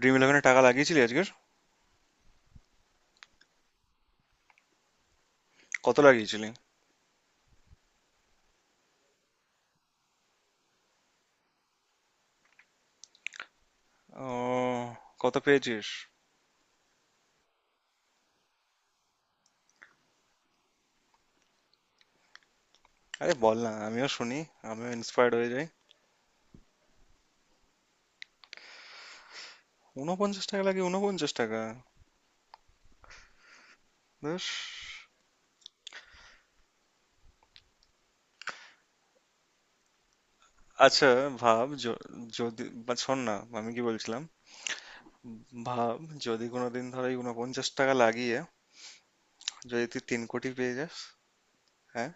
Dream ইলেভেনে টাকা লাগিয়েছিলি আজকের? কত লাগিয়েছিলি? ও, কত পেয়েছিস? আরে বল না, আমিও শুনি, আমিও ইন্সপায়ার্ড হয়ে যাই। 49 টাকা লাগে, 49 টাকা? বেশ। আচ্ছা, ভাব যদি বা, শোন না, আমি কি বলছিলাম? ভাব, যদি কোনোদিন ধর এই 49 টাকা লাগিয়ে যদি তুই 3 কোটি পেয়ে যাস। হ্যাঁ।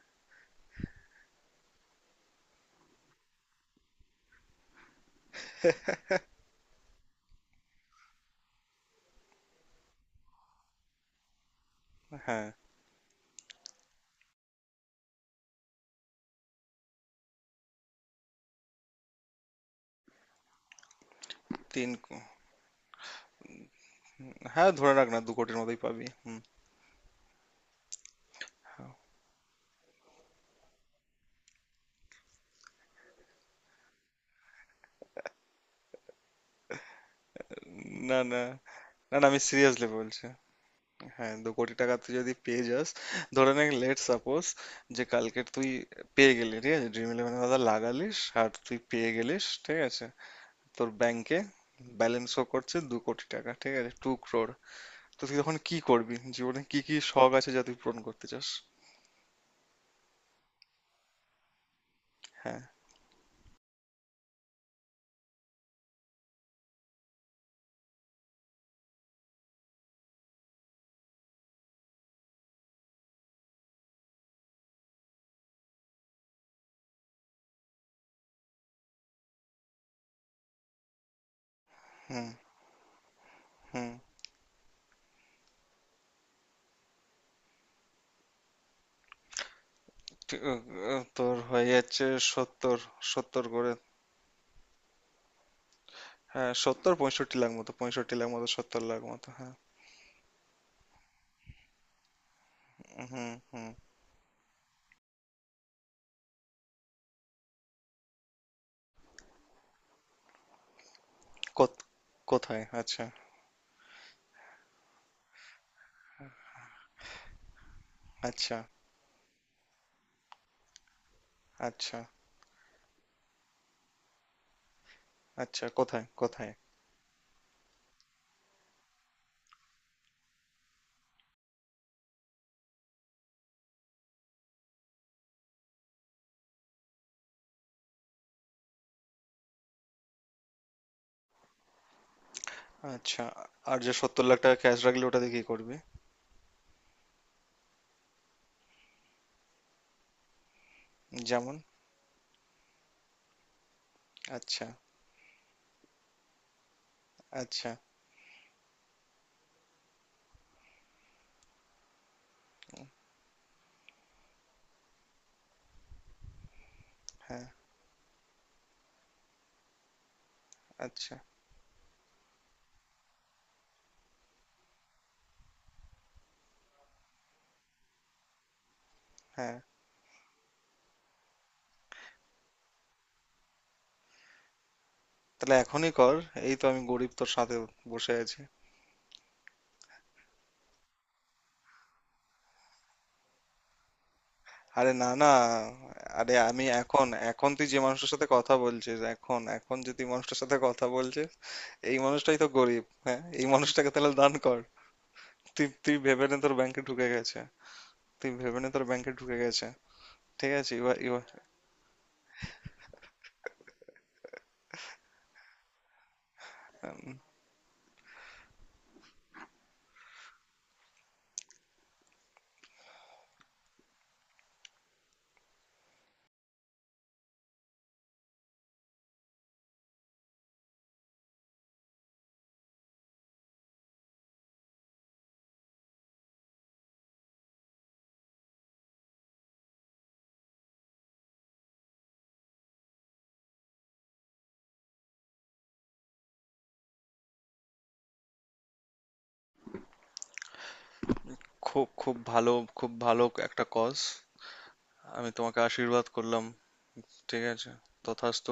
হ্যাঁ। তিন কো- হ্যাঁ, ধরে রাখ না, 2 কোটির মতোই পাবি। হুম। না না না, না, আমি সিরিয়াসলি বলছি। হ্যাঁ, 2 কোটি টাকা তুই যদি পেয়ে যাস, ধরে নে, লেট সাপোজ, যে কালকে তুই পেয়ে গেলি, ঠিক আছে? ড্রিম ইলেভেনের কথা লাগালিস আর তুই পেয়ে গেলিস, ঠিক আছে? তোর ব্যাংকে ব্যালেন্স শো করছে 2 কোটি টাকা, ঠিক আছে? টু ক্রোর। তো তুই তখন কি করবি? জীবনে কি কি শখ আছে যা তুই পূরণ করতে চাস? হ্যাঁ। হুম হুম। তোর হয়ে যাচ্ছে 70, 70 করে। হ্যাঁ, 70 65 লাখ মতো, 65 লাখ মতো, 70 লাখ মতো, হ্যাঁ। হুম হুম। কোথ- কোথায়? আচ্ছা। আচ্ছা। আচ্ছা। আচ্ছা, কোথায় কোথায়? আচ্ছা। আর যে 70 লাখ টাকা ক্যাশ রাখলে ওটা দিয়ে কি করবি? যেমন? আচ্ছা। আচ্ছা। হ্যাঁ। আচ্ছা। হ্যাঁ, তাহলে এখনই কর, এই তো আমি গরিব তোর সাথে বসে আছি। আরে না না। আরে আমি এখন এখন তুই যে মানুষটার সাথে কথা বলছিস, এখন এখন যে তুই মানুষটার সাথে কথা বলছিস, এই মানুষটাই তো গরিব, হ্যাঁ, এই মানুষটাকে তাহলে দান কর। তুই তুই ভেবে নে, তোর ব্যাংকে ঢুকে গেছে। তুই ভেবে নে, তোর ব্যাংকে ঢুকে গেছে। ঠিক আছে, এবার এবার। উম, খুব খুব ভালো, খুব ভালো একটা কজ। আমি তোমাকে আশীর্বাদ করলাম, ঠিক আছে? তথাস্তু,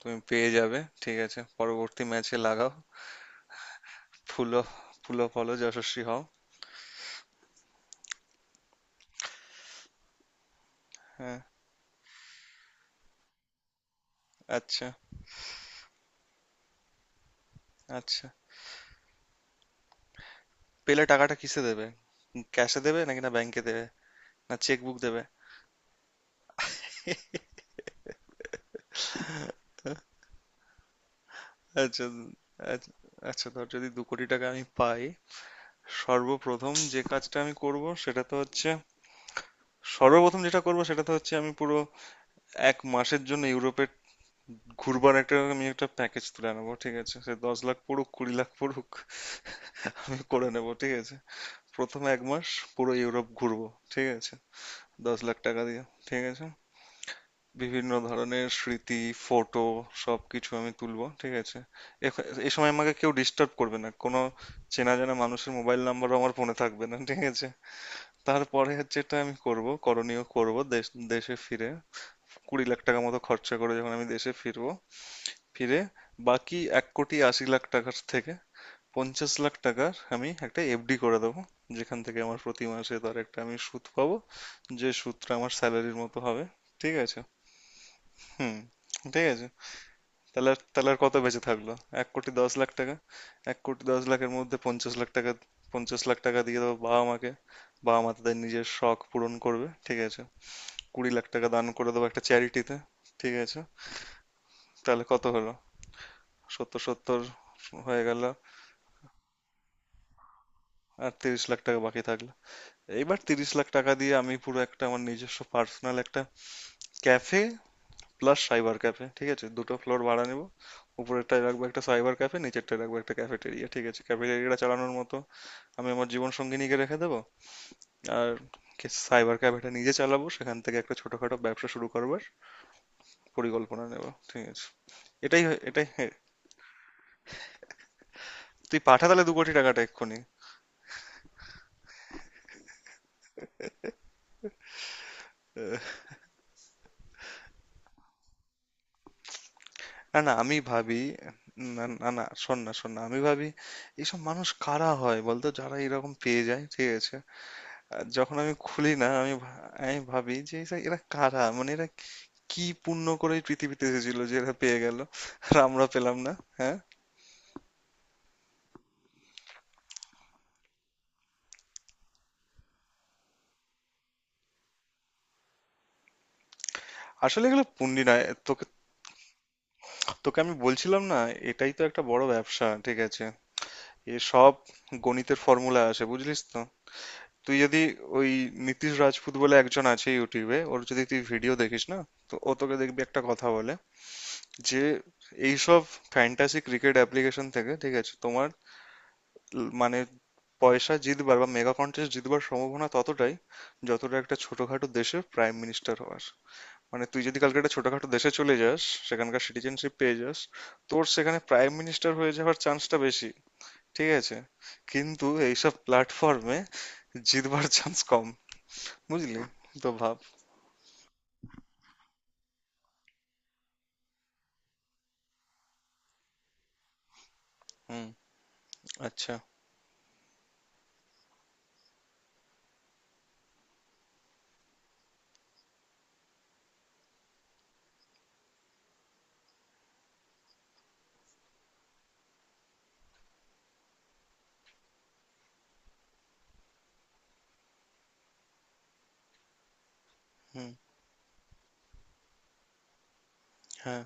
তুমি পেয়ে যাবে, ঠিক আছে? পরবর্তী ম্যাচে লাগাও। ফুলো ফুলো ফলো যশস্বী হও। হ্যাঁ। আচ্ছা। আচ্ছা। পেলে টাকাটা কিসে দেবে? ক্যাশে দেবে নাকি, না ব্যাংকে দেবে, না চেক বুক দেবে? আচ্ছা আচ্ছা। আচ্ছা, ধর যদি 2 কোটি টাকা আমি পাই, সর্বপ্রথম যে কাজটা আমি করব সেটা তো হচ্ছে, সর্বপ্রথম যেটা করব সেটা তো হচ্ছে, আমি পুরো এক মাসের জন্য ইউরোপে ঘুরবার একটা, আমি একটা প্যাকেজ তুলে আনবো, ঠিক আছে? সে 10 লাখ পড়ুক, 20 লাখ পড়ুক, করে নেবো, ঠিক আছে। প্রথম এক মাস পুরো ইউরোপ ঘুরবো, ঠিক আছে, 10 লাখ টাকা দিয়ে, ঠিক আছে। বিভিন্ন ধরনের স্মৃতি, ফটো, সবকিছু আমি তুলবো, ঠিক আছে। এই সময় আমাকে কেউ ডিস্টার্ব করবে না, কোনো চেনা জানা মানুষের মোবাইল নাম্বারও আমার ফোনে থাকবে না, ঠিক আছে। তারপরে যেটা আমি করব, করণীয় করব, দেশ, দেশে ফিরে, 20 লাখ টাকা মতো খরচা করে যখন আমি দেশে ফিরবো, ফিরে, বাকি 1 কোটি 80 লাখ টাকার থেকে 50 লাখ টাকার আমি একটা এফডি করে দেবো, যেখান থেকে আমার প্রতি মাসে তার একটা আমি সুদ পাবো, যে সুদটা আমার স্যালারির মতো হবে, ঠিক আছে। হুম। ঠিক আছে। তাহলে আর কত বেঁচে থাকলো? 1 কোটি 10 লাখ টাকা। 1 কোটি 10 লাখের মধ্যে 50 লাখ টাকা, 50 লাখ টাকা দিয়ে দেবো বাবা মাকে, বাবা মা তাদের নিজের শখ পূরণ করবে, ঠিক আছে। 20 লাখ টাকা দান করে দেবো একটা চ্যারিটিতে, ঠিক আছে। তাহলে কত হলো? 70, 70 হয়ে গেল। আর 30 লাখ টাকা বাকি থাকলো। এইবার 30 লাখ টাকা দিয়ে আমি পুরো একটা আমার নিজস্ব পার্সোনাল একটা ক্যাফে প্লাস সাইবার ক্যাফে, ঠিক আছে। দুটো ফ্লোর ভাড়া নেব, উপরেরটায় রাখবো একটা সাইবার ক্যাফে, নিচেরটায় রাখবো একটা ক্যাফেটেরিয়া, ঠিক আছে। ক্যাফেটেরিয়াটা চালানোর মতো আমি আমার জীবন সঙ্গিনীকে রেখে দেবো, আর সাইবার ক্যাফেটা নিজে চালাবো, সেখান থেকে একটা ছোটখাটো ব্যবসা শুরু করবার পরিকল্পনা নেব, ঠিক আছে। এটাই, হ্যাঁ। তুই পাঠা তাহলে 2 কোটি টাকাটা এক্ষুনি। না, না, আমি ভাবি, না, না, না, শোন না, শোন না, আমি ভাবি এইসব মানুষ কারা হয় বলতো, যারা এরকম পেয়ে যায়, ঠিক আছে? আর যখন আমি খুলি না, আমি আমি ভাবি যে এরা, এরা কারা, মানে এরা কি পুণ্য করে এই পৃথিবীতে এসেছিল যে এরা পেয়ে গেল আর আমরা পেলাম না? হ্যাঁ। আসলে এগুলো পুণ্যি নয়, তোকে, তোকে আমি বলছিলাম না, এটাই তো একটা বড় ব্যবসা, ঠিক আছে। এ সব গণিতের ফর্মুলা আসে, বুঝলিস তো? তুই যদি ওই নীতিশ রাজপুত বলে একজন আছে ইউটিউবে, ওর যদি তুই ভিডিও দেখিস না, তো ও তোকে, দেখবি একটা কথা বলে, যে এইসব ফ্যান্টাসি ক্রিকেট অ্যাপ্লিকেশন থেকে, ঠিক আছে, তোমার মানে পয়সা জিতবার বা মেগা কন্টেস্ট জিতবার সম্ভাবনা ততটাই, যতটা একটা ছোটখাটো দেশের প্রাইম মিনিস্টার হওয়ার। মানে তুই যদি কালকে একটা ছোটখাটো দেশে চলে যাস, সেখানকার সিটিজেনশিপ পেয়ে যাস, তোর সেখানে প্রাইম মিনিস্টার হয়ে যাওয়ার চান্সটা বেশি, ঠিক আছে। কিন্তু এইসব প্ল্যাটফর্মে জিতবার চান্স কম, বুঝলি? তো ভাব। হুম। আচ্ছা। হুম। হ্যাঁ।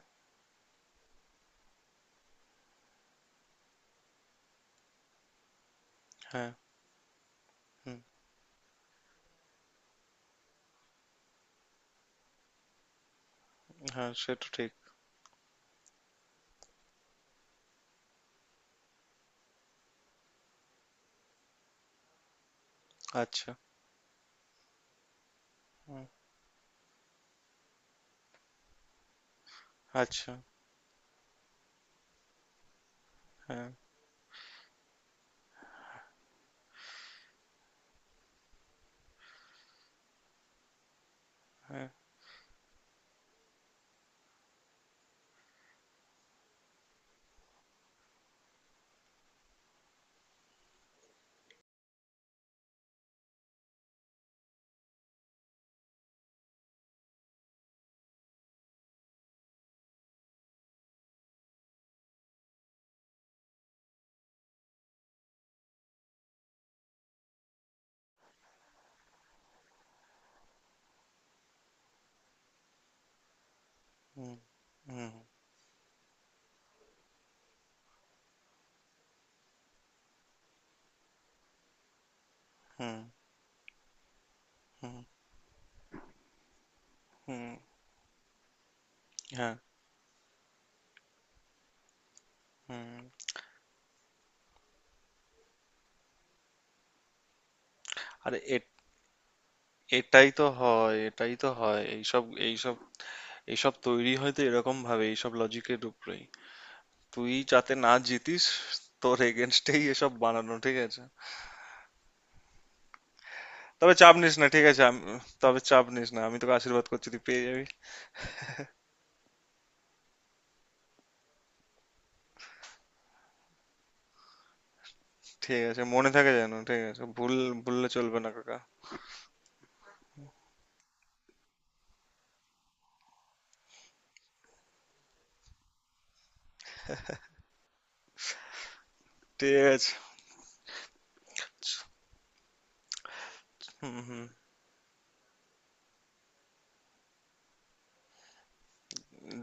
হ্যাঁ। হুম। হ্যাঁ, সে তো ঠিক। আচ্ছা। হুম। আচ্ছা। হ্যাঁ। হ্যাঁ। হুম হুম হুম হুম হুম হ্যাঁ হুম। আরে এ, এটাই তো হয়, এটাই তো হয়, এইসব, এইসব, এইসব তৈরি হয় তো এরকম ভাবে, এইসব লজিকের উপরেই তুই যাতে না জিতিস, তোর এগেনস্টেই এসব বানানো, ঠিক আছে। তবে চাপ নিস না, ঠিক আছে, তবে চাপ নিস না, আমি তোকে আশীর্বাদ করছি তুই পেয়ে যাবি। ঠিক আছে, মনে থাকে যেন, ঠিক আছে? ভুললে চলবে না, কাকা। ঠিক আছে। হুম হুম।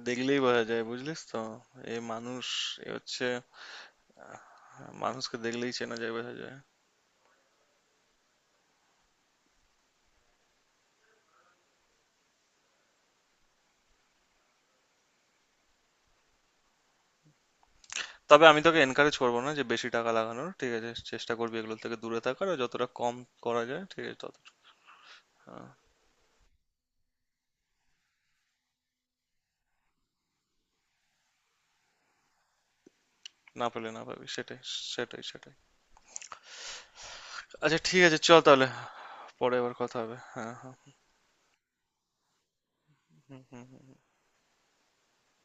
দেখলেই বোঝা যায়, বুঝলিস তো? এ মানুষ, এ হচ্ছে, মানুষকে দেখলেই চেনা যায়, বোঝা যায়। তবে আমি তোকে এনকারেজ করবো না যে বেশি টাকা লাগানোর, ঠিক আছে। চেষ্টা করবি এগুলো থেকে দূরে থাকার, আর যতটা কম করা যায় ঠিক আছে, তত। না পেলে না পাবি, সেটাই, সেটাই, সেটাই। আচ্ছা, ঠিক আছে, চল তাহলে, পরে আবার কথা হবে। হ্যাঁ হ্যাঁ। হুম হুম হুম।